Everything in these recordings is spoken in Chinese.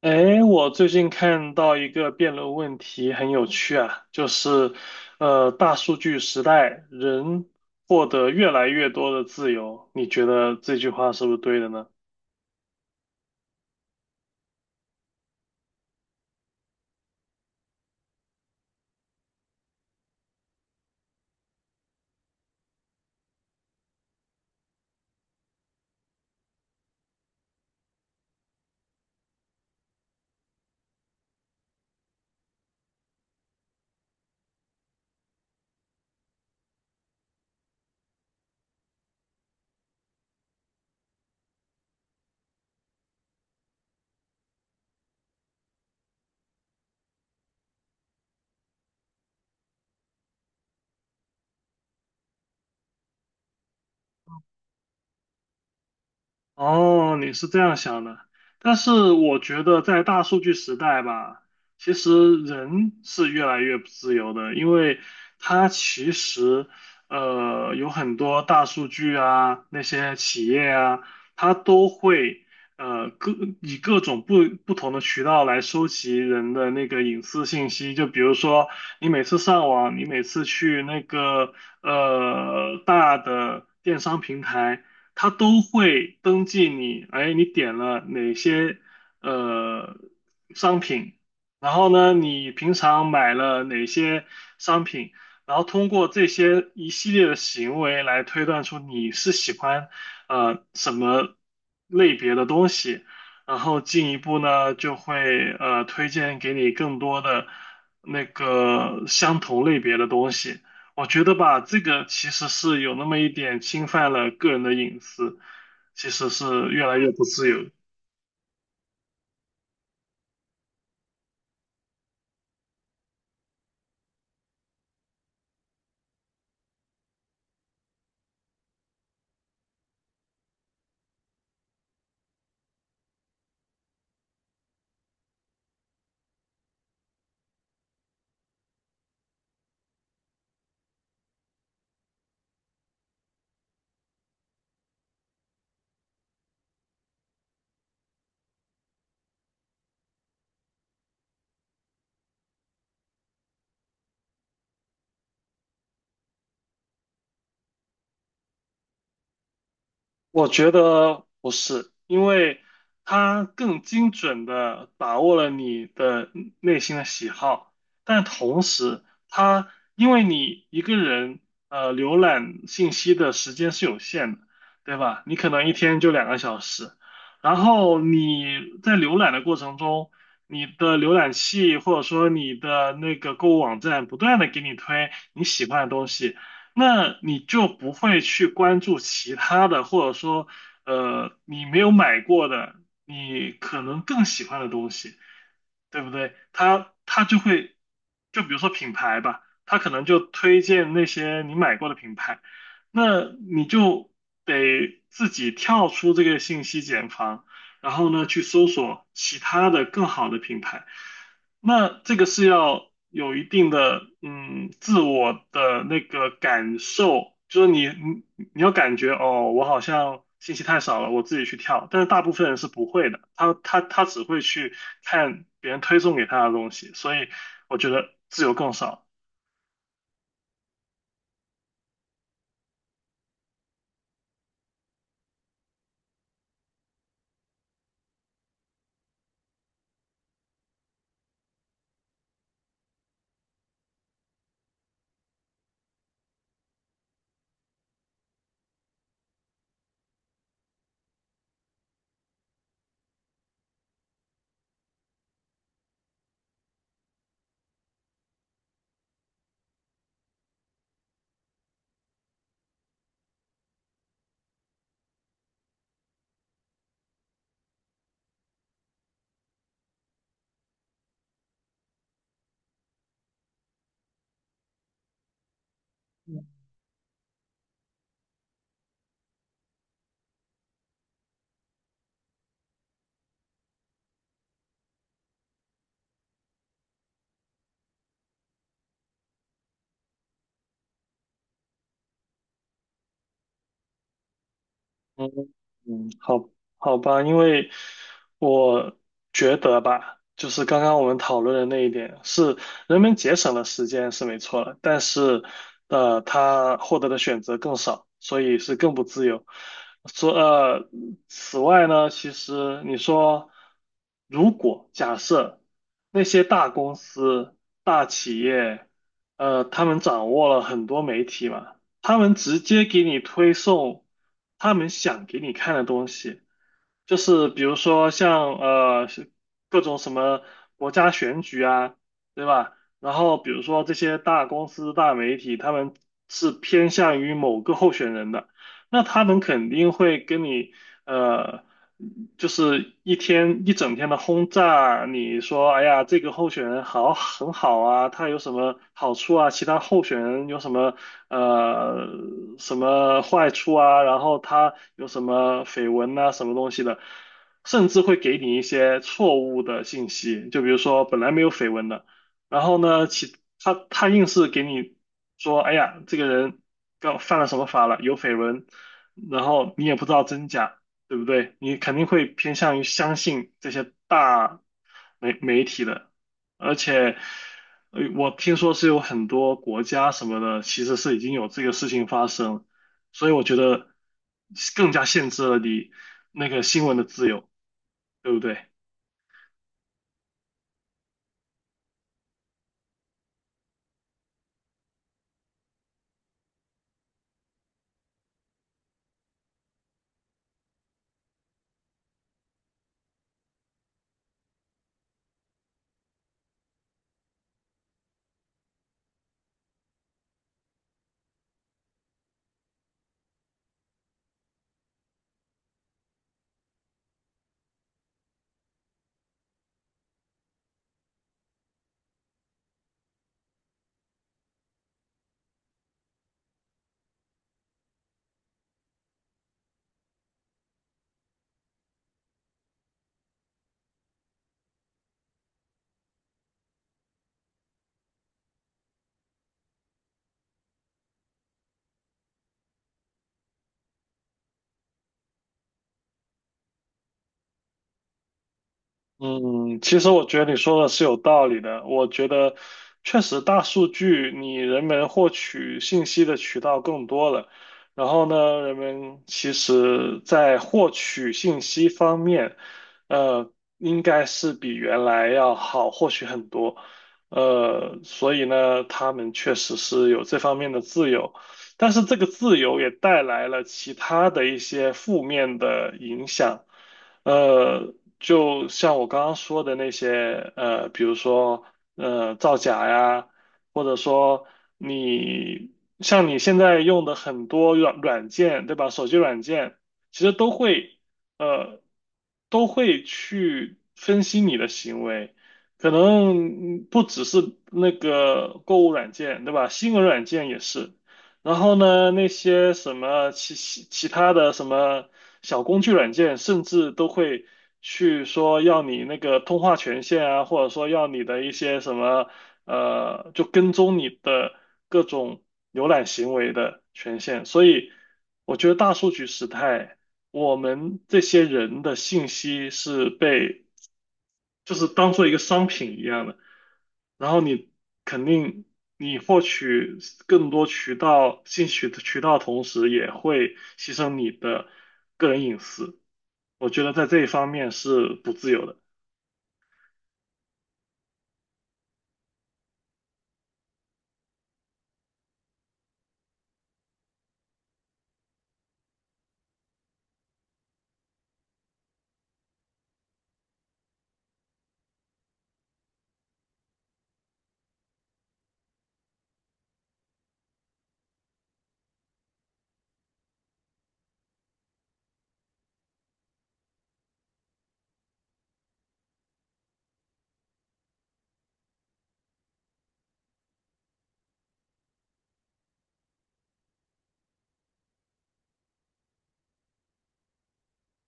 哎，我最近看到一个辩论问题，很有趣啊，就是，大数据时代，人获得越来越多的自由，你觉得这句话是不是对的呢？哦，你是这样想的，但是我觉得在大数据时代吧，其实人是越来越不自由的，因为它其实有很多大数据啊，那些企业啊，它都会呃各以各种不同的渠道来收集人的那个隐私信息，就比如说你每次上网，你每次去那个大的电商平台。它都会登记你，哎，你点了哪些呃商品，然后呢，你平常买了哪些商品，然后通过这些一系列的行为来推断出你是喜欢什么类别的东西，然后进一步呢就会推荐给你更多的那个相同类别的东西。我觉得吧，这个其实是有那么一点侵犯了个人的隐私，其实是越来越不自由。我觉得不是，因为它更精准的把握了你的内心的喜好，但同时，它因为你一个人浏览信息的时间是有限的，对吧？你可能一天就2个小时，然后你在浏览的过程中，你的浏览器或者说你的那个购物网站不断的给你推你喜欢的东西。那你就不会去关注其他的，或者说，你没有买过的，你可能更喜欢的东西，对不对？它就会，就比如说品牌吧，它可能就推荐那些你买过的品牌，那你就得自己跳出这个信息茧房，然后呢，去搜索其他的更好的品牌。那这个是要有一定的嗯自我的那个感受，就是你要感觉哦，我好像信息太少了，我自己去跳。但是大部分人是不会的，他只会去看别人推送给他的东西，所以我觉得自由更少。嗯嗯，好好吧，因为我觉得吧，就是刚刚我们讨论的那一点，是人们节省了时间是没错了，但是他获得的选择更少，所以是更不自由。说此外呢，其实你说，如果假设那些大公司、大企业，呃，他们掌握了很多媒体嘛。他们直接给你推送他们想给你看的东西，就是比如说像是各种什么国家选举啊，对吧？然后比如说这些大公司、大媒体，他们是偏向于某个候选人的。那他们肯定会跟你，呃，就是一天一整天的轰炸，你说，哎呀，这个候选人好很好啊，他有什么好处啊？其他候选人有什么呃什么坏处啊？然后他有什么绯闻呐，什么东西的，甚至会给你一些错误的信息，就比如说本来没有绯闻的。然后呢，其他他硬是给你说，哎呀，这个人刚犯了什么法了，有绯闻，然后你也不知道真假，对不对？你肯定会偏向于相信这些大媒体的，而且，我听说是有很多国家什么的，其实是已经有这个事情发生了。所以我觉得更加限制了你那个新闻的自由，对不对？嗯，其实我觉得你说的是有道理的。我觉得确实大数据，你人们获取信息的渠道更多了。然后呢，人们其实在获取信息方面，呃，应该是比原来要好获取很多。呃，所以呢，他们确实是有这方面的自由，但是这个自由也带来了其他的一些负面的影响。呃，就像我刚刚说的那些，呃，比如说，呃，造假呀，或者说你像你现在用的很多软件，对吧？手机软件其实都会，呃，都会去分析你的行为，可能嗯不只是那个购物软件，对吧？新闻软件也是。然后呢，那些什么其他的什么小工具软件，甚至都会去说要你那个通话权限啊，或者说要你的一些什么就跟踪你的各种浏览行为的权限。所以我觉得大数据时代，我们这些人的信息是被就是当做一个商品一样的。然后你肯定你获取更多渠道信息的渠道，同时也会牺牲你的个人隐私。我觉得在这一方面是不自由的。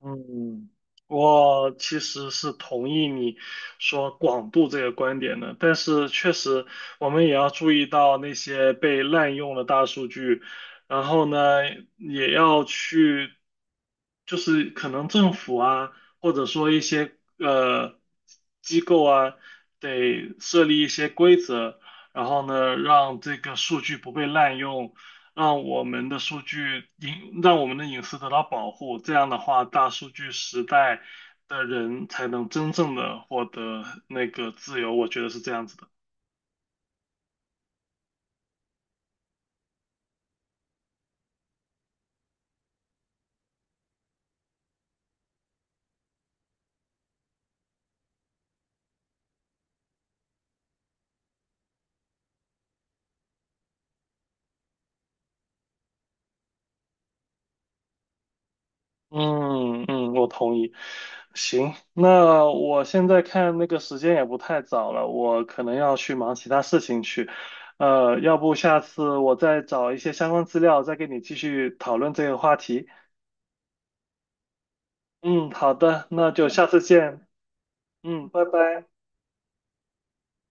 嗯，我其实是同意你说广度这个观点的，但是确实我们也要注意到那些被滥用的大数据，然后呢，也要去，就是可能政府啊，或者说一些呃机构啊，得设立一些规则，然后呢，让这个数据不被滥用。让我们的数据隐，让我们的隐私得到保护。这样的话，大数据时代的人才能真正的获得那个自由。我觉得是这样子的。嗯嗯，我同意。行，那我现在看那个时间也不太早了，我可能要去忙其他事情去。呃，要不下次我再找一些相关资料，再跟你继续讨论这个话题。嗯，好的，那就下次见。嗯，拜拜。